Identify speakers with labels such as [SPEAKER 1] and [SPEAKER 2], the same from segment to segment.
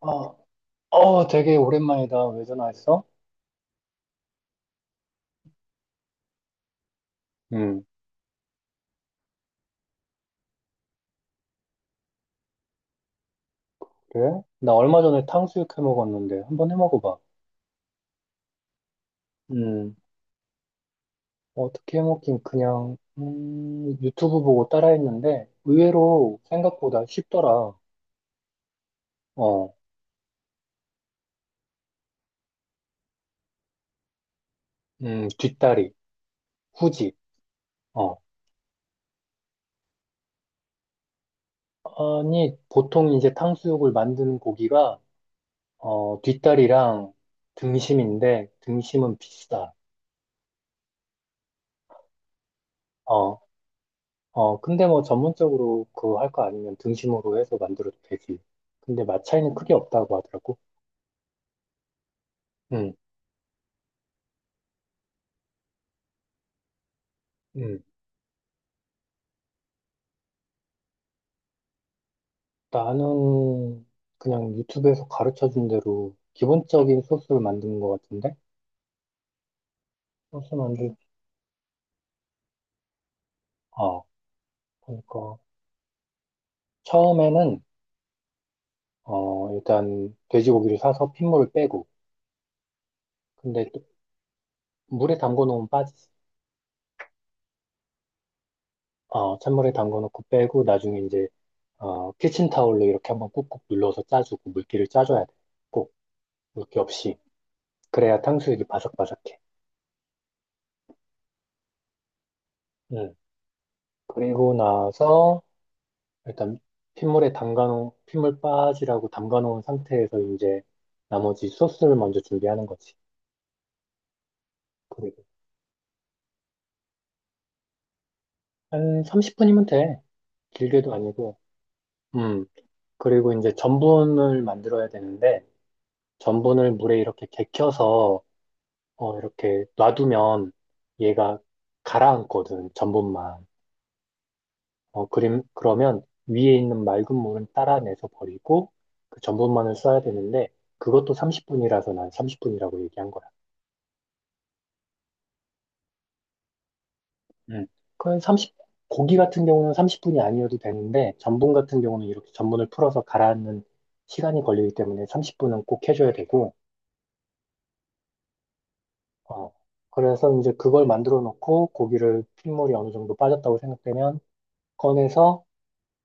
[SPEAKER 1] 어, 되게 오랜만이다. 왜 전화했어? 음, 그래? 나 얼마 전에 탕수육 해 먹었는데 한번 해 먹어봐. 음, 어떻게 해 먹긴 그냥 유튜브 보고 따라했는데 의외로 생각보다 쉽더라. 어, 뒷다리, 후지. 어, 아니 보통 이제 탕수육을 만드는 고기가 뒷다리랑 등심인데 등심은 비싸. 어. 근데 뭐 전문적으로 그거 할 거 아니면 등심으로 해서 만들어도 되지. 근데 맛 차이는 크게 없다고 하더라고. 응, 응. 나는 그냥 유튜브에서 가르쳐 준 대로 기본적인 소스를 만드는 것 같은데? 소스 만들, 어, 그러니까 처음에는, 일단 돼지고기를 사서 핏물을 빼고, 근데 또 물에 담궈 놓으면 빠지지. 찬물에 담궈 놓고 빼고, 나중에 이제, 키친타올로 이렇게 한번 꾹꾹 눌러서 짜주고, 물기를 짜줘야 돼. 꼭, 물기 없이. 그래야 탕수육이 바삭바삭해. 음. 그리고 나서 일단 핏물 빠지라고 담가놓은 상태에서 이제 나머지 소스를 먼저 준비하는 거지. 그리고 한 30분이면 돼. 길게도 아니고. 음. 그리고 이제 전분을 만들어야 되는데 전분을 물에 이렇게 gek혀서 이렇게 놔두면 얘가 가라앉거든. 전분만. 그러면 위에 있는 맑은 물은 따라내서 버리고 그 전분만을 써야 되는데 그것도 30분이라서 난 30분이라고 얘기한 거야. 음. 그건 30, 고기 같은 경우는 30분이 아니어도 되는데 전분 같은 경우는 이렇게 전분을 풀어서 가라앉는 시간이 걸리기 때문에 30분은 꼭 해줘야 되고, 어, 그래서 이제 그걸 만들어 놓고 고기를 핏물이 어느 정도 빠졌다고 생각되면 꺼내서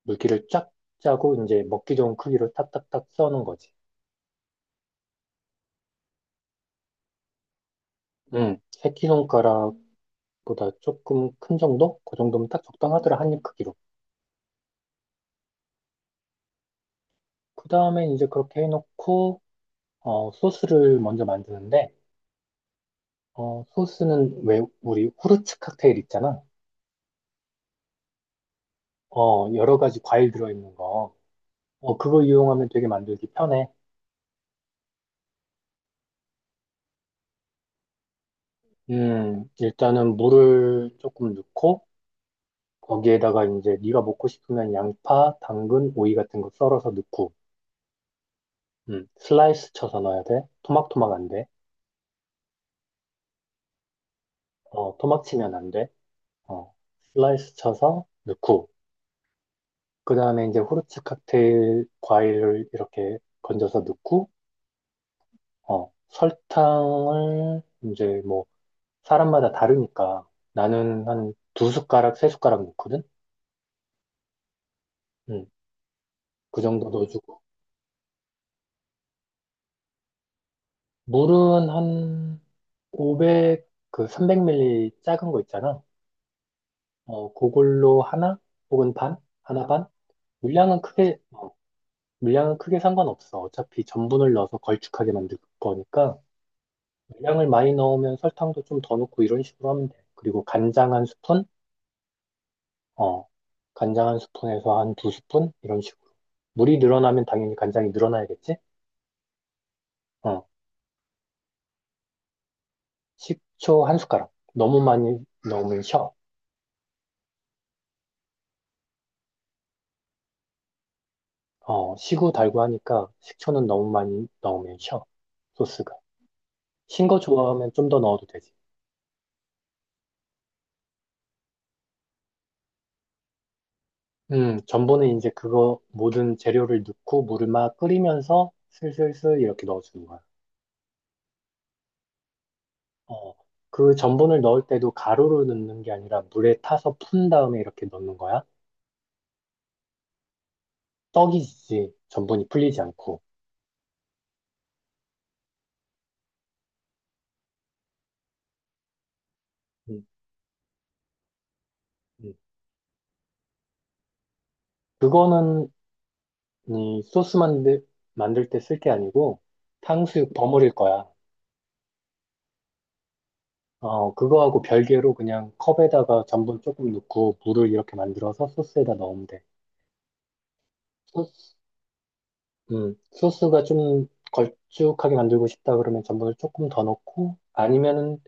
[SPEAKER 1] 물기를 쫙 짜고 이제 먹기 좋은 크기로 탁탁탁 써는 거지. 음, 보다 조금 큰 정도? 그 정도면 딱 적당하더라, 한입 크기로. 그 다음엔 이제 그렇게 해놓고, 소스를 먼저 만드는데, 소스는 왜, 우리 후르츠 칵테일 있잖아. 여러 가지 과일 들어있는 거. 그거 이용하면 되게 만들기 편해. 일단은 물을 조금 넣고, 거기에다가 이제 네가 먹고 싶으면 양파, 당근, 오이 같은 거 썰어서 넣고, 슬라이스 쳐서 넣어야 돼. 토막토막 안 돼. 토막 치면 안 돼. 어, 슬라이스 쳐서 넣고, 그 다음에 이제 후르츠 칵테일 과일을 이렇게 건져서 넣고, 설탕을 이제 뭐, 사람마다 다르니까 나는 한 두 숟가락, 세 숟가락 넣거든? 음, 그 정도 넣어주고. 물은 한 그 300ml 작은 거 있잖아. 그걸로 하나 혹은 반? 하나 반? 물량은 크게, 어, 물량은 크게 상관없어. 어차피 전분을 넣어서 걸쭉하게 만들 거니까. 물량을 많이 넣으면 설탕도 좀 더 넣고 이런 식으로 하면 돼. 그리고 간장 한 스푼? 어, 간장 한 스푼에서 한 두 스푼? 이런 식으로. 물이 늘어나면 당연히 간장이 늘어나야겠지? 어, 식초 한 숟가락. 너무 많이 넣으면 셔. 시후 달고 하니까 식초는 너무 많이 넣으면 셔. 소스가. 신 거 좋아하면 좀 더 넣어도 되지. 전분은 이제 그거 모든 재료를 넣고 물을 막 끓이면서 슬슬슬 이렇게 넣어주는 거야. 어, 그 전분을 넣을 때도 가루로 넣는 게 아니라 물에 타서 푼 다음에 이렇게 넣는 거야? 떡이지, 전분이 풀리지 않고. 음, 음. 그거는 이 만들 때 쓸 게 아니고 탕수육 버무릴 거야. 그거하고 별개로 그냥 컵에다가 전분 조금 넣고 물을 이렇게 만들어서 소스에다 넣으면 돼. 소스, 소스가 좀 걸쭉하게 만들고 싶다 그러면 전분을 조금 더 넣고 아니면은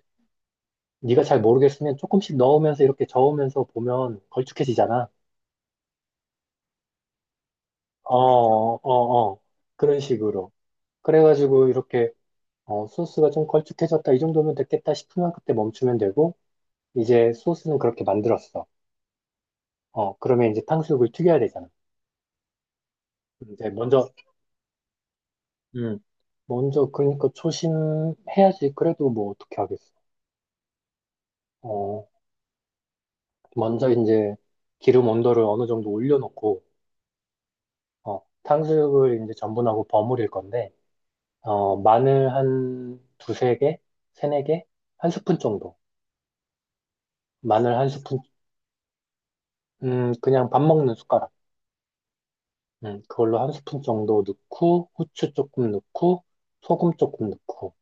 [SPEAKER 1] 네가 잘 모르겠으면 조금씩 넣으면서 이렇게 저으면서 보면 걸쭉해지잖아. 어, 어, 어. 어. 그런 식으로. 그래가지고 이렇게 소스가 좀 걸쭉해졌다. 이 정도면 됐겠다 싶으면 그때 멈추면 되고 이제 소스는 그렇게 만들었어. 그러면 이제 탕수육을 튀겨야 되잖아. 이제 음, 먼저 그러니까 초심해야지. 그래도 뭐 어떻게 하겠어. 어, 먼저 이제 기름 온도를 어느 정도 올려놓고 탕수육을 이제 전분하고 버무릴 건데 마늘 한 두세 개? 세네 개? 한 스푼 정도. 마늘 한 스푼, 그냥 밥 먹는 숟가락. 그걸로 한 스푼 정도 넣고, 후추 조금 넣고, 소금 조금 넣고.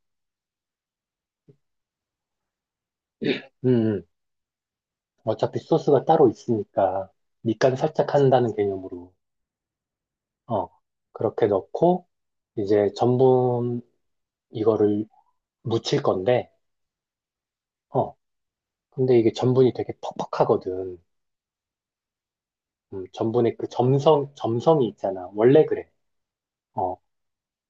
[SPEAKER 1] 음, 음. 어차피 소스가 따로 있으니까, 밑간 살짝 한다는 개념으로. 어, 그렇게 넣고, 이제 전분 이거를 무칠 건데, 어, 근데 이게 전분이 되게 퍽퍽하거든. 전분의 그 점성이 있잖아. 원래 그래. 어,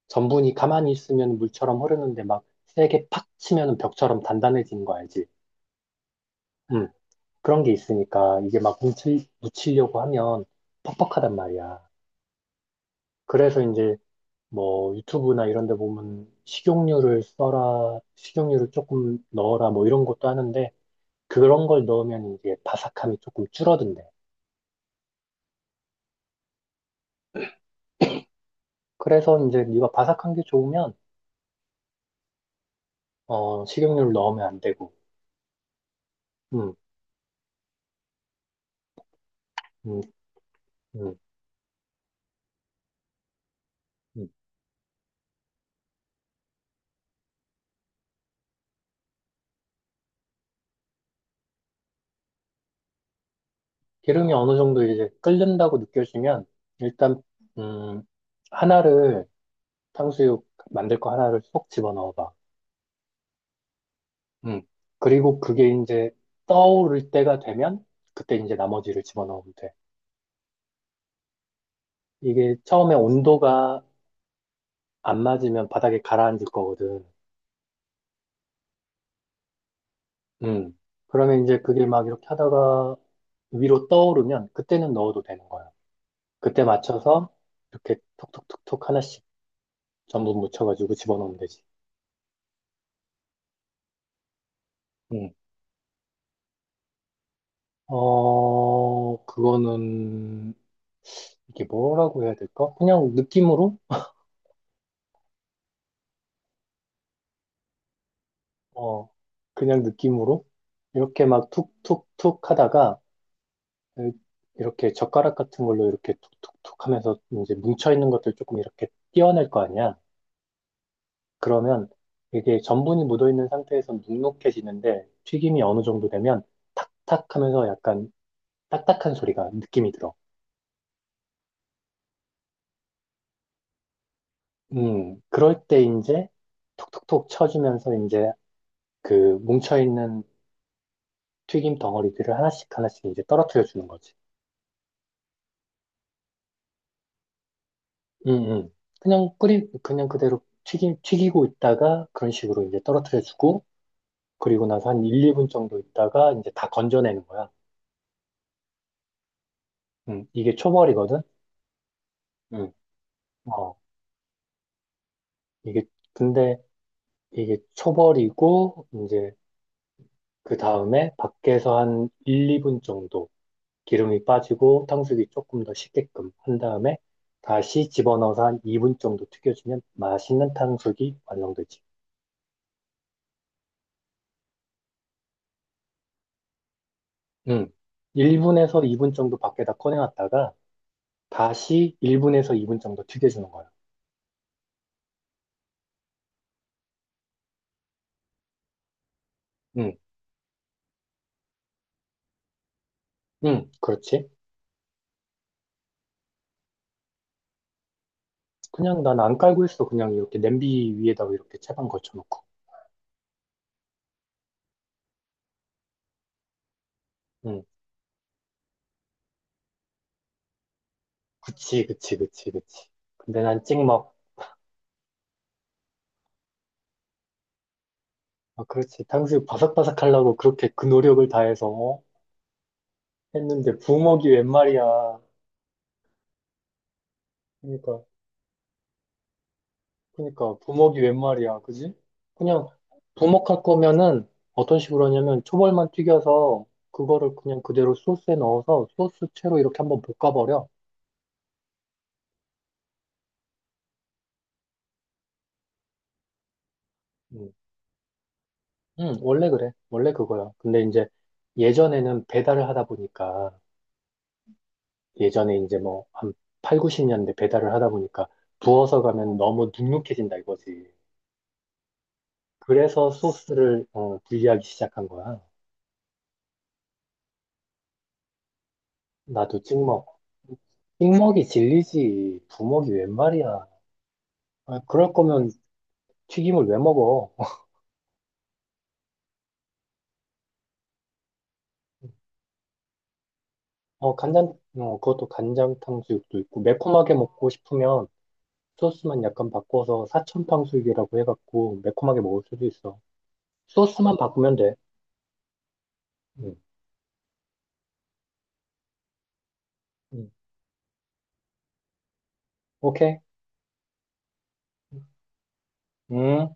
[SPEAKER 1] 전분이 가만히 있으면 물처럼 흐르는데 막 세게 팍 치면 벽처럼 단단해지는 거 알지? 음 그런 게 있으니까 이게 막 묻히려고 하면 퍽퍽하단 말이야. 그래서 이제 뭐 유튜브나 이런 데 보면 식용유를 써라, 식용유를 조금 넣어라 뭐 이런 것도 하는데 그런 걸 넣으면 이제 바삭함이 조금 줄어든대. 그래서 이제 네가 바삭한 게 좋으면 식용유를 넣으면 안 되고. 음, 음, 음, 음. 기름이 어느 정도 이제 끓는다고 느껴지면 일단 음 하나를 탕수육 만들 거 하나를 쏙 집어넣어 봐. 음. 그리고 그게 이제 떠오를 때가 되면 그때 이제 나머지를 집어넣으면 돼. 이게 처음에 온도가 안 맞으면 바닥에 가라앉을 거거든. 음. 그러면 이제 그게 막 이렇게 하다가 위로 떠오르면 그때는 넣어도 되는 거야. 그때 맞춰서 이렇게 톡톡톡톡 하나씩 전부 묻혀가지고 집어넣으면 되지. 음, 그거는, 이게 뭐라고 해야 될까? 그냥 느낌으로? 어, 그냥 느낌으로? 이렇게 막 툭툭툭 하다가, 이렇게 젓가락 같은 걸로 이렇게 툭툭툭 하면서 이제 뭉쳐있는 것들 조금 이렇게 떼어낼 거 아니야? 그러면 이게 전분이 묻어있는 상태에서 눅눅해지는데, 튀김이 어느 정도 되면 탁탁 하면서 약간 딱딱한 소리가 느낌이 들어. 그럴 때 이제 톡톡톡 쳐주면서 이제 그 뭉쳐있는 튀김 덩어리들을 하나씩 하나씩 이제 떨어뜨려 주는 거지. 응, 응. 그냥 그냥 그대로 튀기고 있다가 그런 식으로 이제 떨어뜨려 주고, 그리고 나서 한 1, 2분 정도 있다가 이제 다 건져내는 거야. 응, 이게 초벌이거든? 응. 어, 이게, 근데 이게 초벌이고, 이제 그 다음에 밖에서 한 1, 2분 정도 기름이 빠지고 탕수육이 조금 더 식게끔 한 다음에 다시 집어넣어서 한 2분 정도 튀겨주면 맛있는 탕수육이 완성되지. 음. 1분에서 2분 정도 밖에다 꺼내놨다가 다시 1분에서 2분 정도 튀겨주는 거야. 응, 응, 그렇지. 그냥 난 안 깔고 있어. 그냥 이렇게 냄비 위에다가 이렇게 채반 걸쳐놓고. 응, 그치, 그치, 그치, 그치. 근데 난 찍먹. 아, 그렇지. 탕수육 바삭바삭 하려고 그렇게 그 노력을 다해서 했는데 부먹이 웬 말이야. 그러니까 그러니까 부먹이 웬 말이야, 그지? 그냥 부먹할 거면은 어떤 식으로 하냐면 초벌만 튀겨서 그거를 그냥 그대로 소스에 넣어서 소스 채로 이렇게 한번 볶아버려. 음. 응, 원래 그래. 원래 그거야. 근데 이제 예전에는 배달을 하다 보니까 예전에 이제 뭐 한 8, 90년대 배달을 하다 보니까 부어서 가면 너무 눅눅해진다 이거지. 그래서 소스를 분리하기 시작한 거야. 나도 찍먹. 찍먹이 질리지. 부먹이 웬 말이야. 아, 그럴 거면 튀김을 왜 먹어? 그것도 간장 탕수육도 있고, 매콤하게 먹고 싶으면 소스만 약간 바꿔서 사천 탕수육이라고 해갖고, 매콤하게 먹을 수도 있어. 소스만 바꾸면 돼. 음. 음. 오케이? 음.